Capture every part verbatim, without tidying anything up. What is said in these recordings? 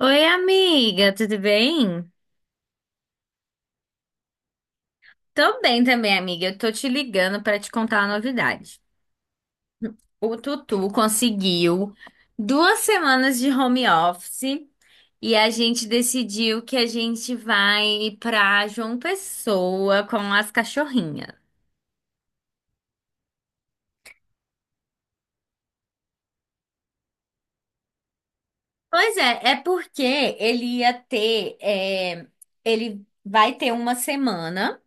Oi, amiga, tudo bem? Tô bem também, amiga. Eu tô te ligando pra te contar uma novidade. O Tutu conseguiu duas semanas de home office e a gente decidiu que a gente vai pra João Pessoa com as cachorrinhas. Pois é, é porque ele ia ter, é, ele vai ter uma semana.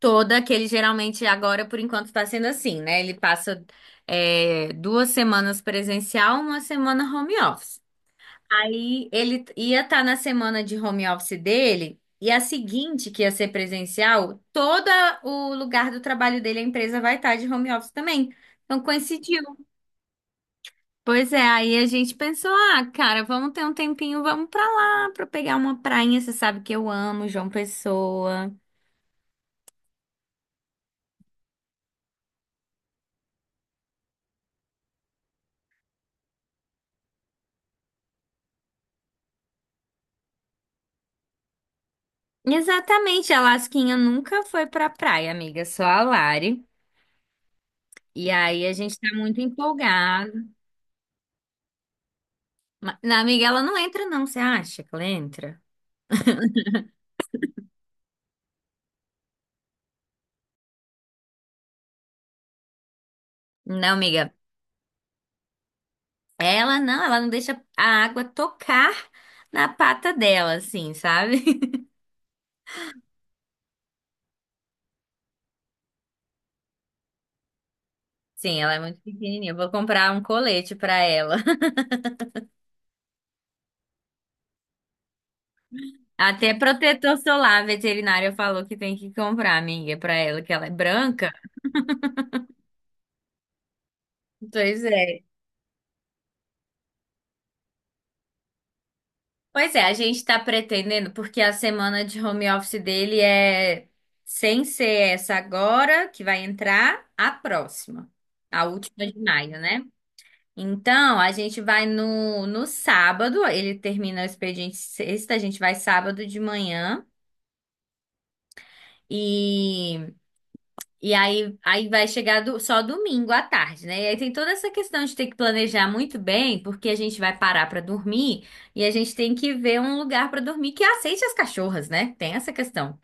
Toda, que ele geralmente agora, por enquanto, está sendo assim, né? Ele passa é, duas semanas presencial, uma semana home office. Aí ele ia estar na semana de home office dele, e a seguinte, que ia ser presencial, todo o lugar do trabalho dele, a empresa vai estar de home office também. Então coincidiu. Pois é, aí a gente pensou, ah, cara, vamos ter um tempinho, vamos pra lá, pra pegar uma prainha, você sabe que eu amo João Pessoa. Exatamente, a Lasquinha nunca foi pra praia, amiga, é só a Lari. E aí a gente tá muito empolgado. Ma- Na amiga, ela não entra não, você acha que ela entra? Não, amiga, ela não, ela não deixa a água tocar na pata dela, assim, sabe? Sim, ela é muito pequenininha, eu vou comprar um colete pra ela. Até protetor solar, veterinário falou que tem que comprar, amiga, pra ela, que ela é branca. Pois é. Pois é, a gente tá pretendendo, porque a semana de home office dele é sem ser essa agora, que vai entrar, a próxima, a última de maio, né? Então, a gente vai no, no sábado, ele termina o expediente sexta, a gente vai sábado de manhã. e E aí, aí vai chegar do- só domingo à tarde, né? E aí tem toda essa questão de ter que planejar muito bem, porque a gente vai parar pra dormir e a gente tem que ver um lugar pra dormir que aceite as cachorras, né? Tem essa questão.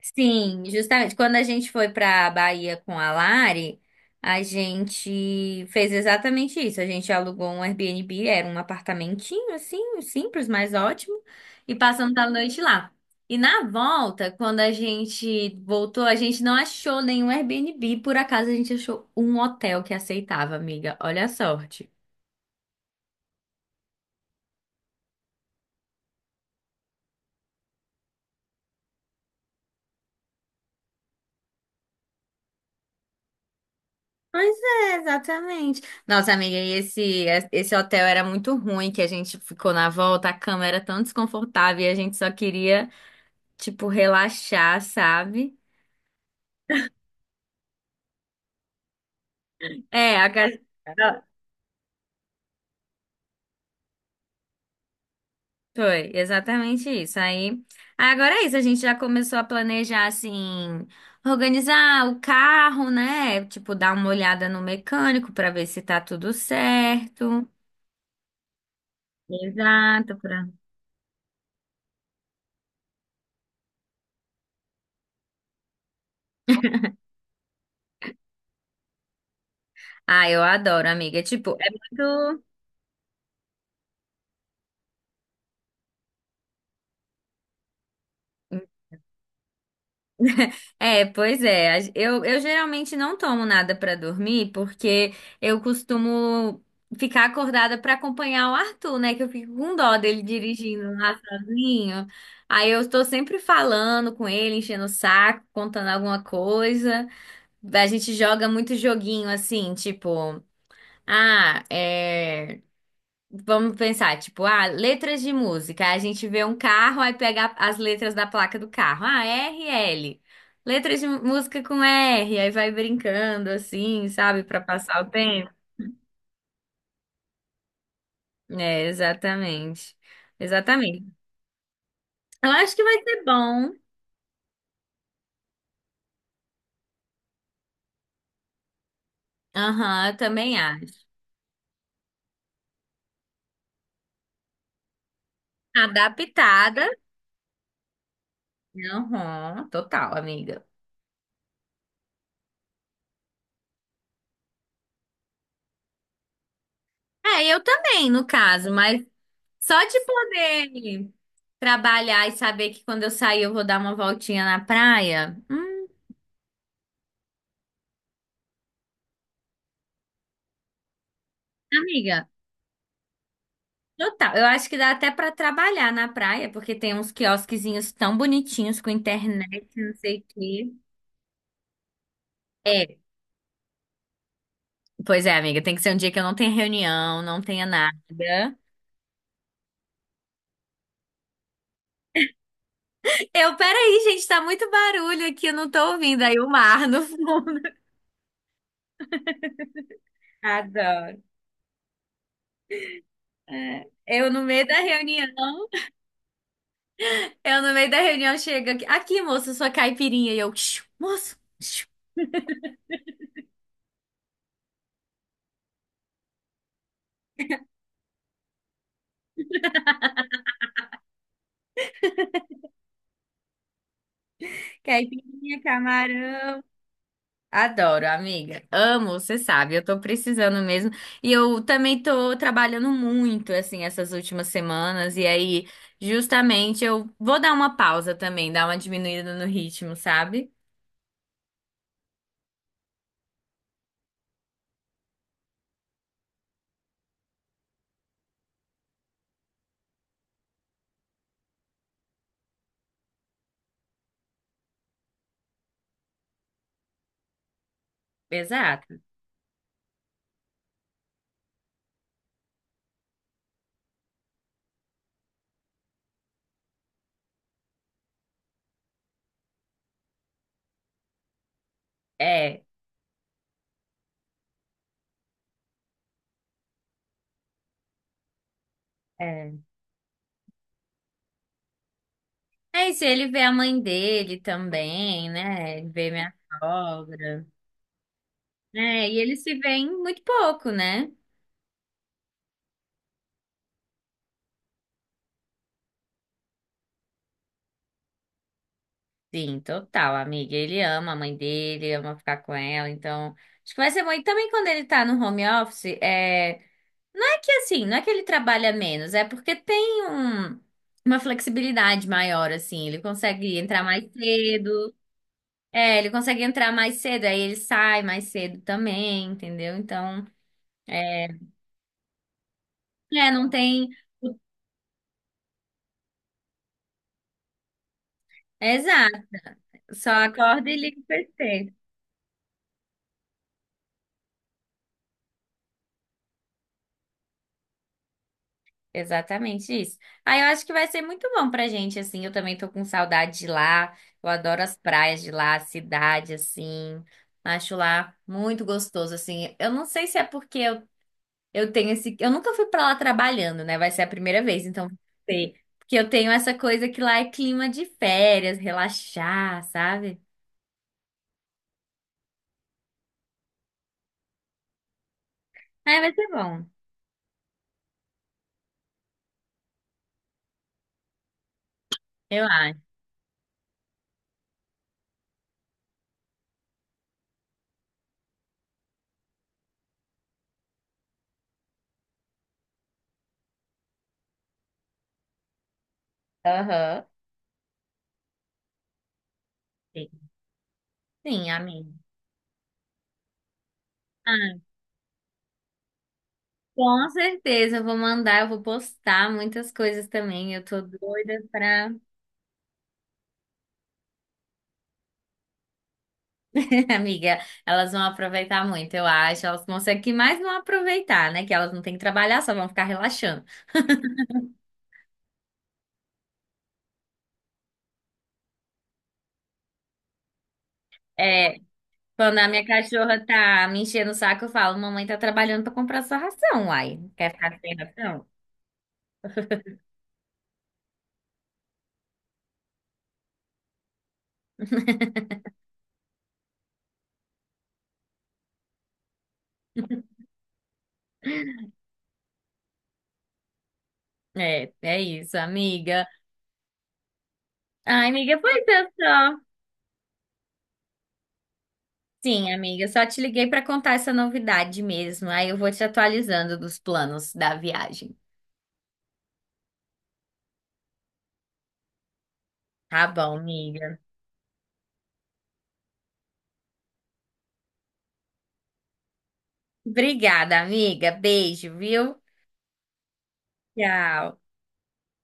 Sim, justamente. Quando a gente foi para a Bahia com a Lari, a gente fez exatamente isso. A gente alugou um Airbnb, era um apartamentinho assim, simples, mas ótimo, e passamos a noite lá. E na volta, quando a gente voltou, a gente não achou nenhum Airbnb, por acaso a gente achou um hotel que aceitava, amiga. Olha a sorte. Pois é, exatamente. Nossa, amiga, e esse, esse hotel era muito ruim, que a gente ficou na volta, a cama era tão desconfortável e a gente só queria, tipo, relaxar, sabe? É, a casa... Foi, exatamente isso. Aí, agora é isso, a gente já começou a planejar, assim, organizar o carro, né? Tipo, dar uma olhada no mecânico pra ver se tá tudo certo. Exato, pra... Ah, eu adoro, amiga. Tipo, é muito. É, pois é. A- Eu, eu geralmente não tomo nada pra dormir, porque eu costumo ficar acordada pra acompanhar o Arthur, né? Que eu fico com dó dele dirigindo lá sozinho. Aí eu estou sempre falando com ele, enchendo o saco, contando alguma coisa. A gente joga muito joguinho assim, tipo, ah, é. Vamos pensar, tipo, ah, letras de música. Aí a gente vê um carro, aí pega as letras da placa do carro. Ah, é R, L. Letras de música com R, aí vai brincando assim, sabe, pra passar o tempo. É, exatamente. Exatamente. Eu acho que vai ser bom. Aham, eu também acho. Adaptada. Aham, total, amiga. É, eu também, no caso, mas só de poder trabalhar e saber que quando eu sair eu vou dar uma voltinha na praia. Hum, amiga, total. Eu acho que dá até pra trabalhar na praia, porque tem uns quiosquezinhos tão bonitinhos com internet, não sei o quê. É, pois é, amiga, tem que ser um dia que eu não tenha reunião, não tenha nada. Eu, peraí, gente, tá muito barulho aqui, eu não tô ouvindo aí o mar no fundo. Adoro. É, eu no meio da reunião. Eu no meio da reunião chego aqui, aqui, moço, sua caipirinha. E eu, "Xiu, moço, xiu, caipirinha, camarão. Adoro, amiga. Amo, você sabe, eu tô precisando mesmo. E eu também tô trabalhando muito, assim, essas últimas semanas. E aí, justamente, eu vou dar uma pausa também, dar uma diminuída no ritmo, sabe? Exato. É, é. É, e se ele vê a mãe dele também, né? Ele vê minha sogra. É, e eles se veem muito pouco, né? Sim, total, amiga. Ele ama a mãe dele, ama ficar com ela, então acho que vai ser bom. E também quando ele tá no home office, é... não é que assim, não é que ele trabalha menos, é porque tem um... uma flexibilidade maior, assim. Ele consegue entrar mais cedo, é, ele consegue entrar mais cedo, aí ele sai mais cedo também, entendeu? Então, é, é, não tem. Exato, só acorda e liga o P C. Exatamente isso. Ah, eu acho que vai ser muito bom pra gente, assim. Eu também tô com saudade de lá. Eu adoro as praias de lá, a cidade, assim. Acho lá muito gostoso, assim. Eu não sei se é porque eu, eu tenho esse. Eu nunca fui pra lá trabalhando, né? Vai ser a primeira vez, então não sei. Porque eu tenho essa coisa que lá é clima de férias, relaxar, sabe? Ah, vai ser bom, eu acho. Aham. Sim, sim, amém. Com certeza, eu vou mandar, eu vou postar muitas coisas também. Eu tô doida pra. Amiga, elas vão aproveitar muito, eu acho. Elas conseguem que mais não aproveitar, né? Que elas não têm que trabalhar, só vão ficar relaxando. É, quando a minha cachorra tá me enchendo o saco, eu falo: Mamãe tá trabalhando pra comprar sua ração, uai. Quer ficar sem ração? É, é isso, amiga. Ai, amiga, pois é só. Sim, amiga, eu só te liguei pra contar essa novidade mesmo. Aí eu vou te atualizando dos planos da viagem. Tá bom, amiga. Obrigada, amiga. Beijo, viu? Tchau.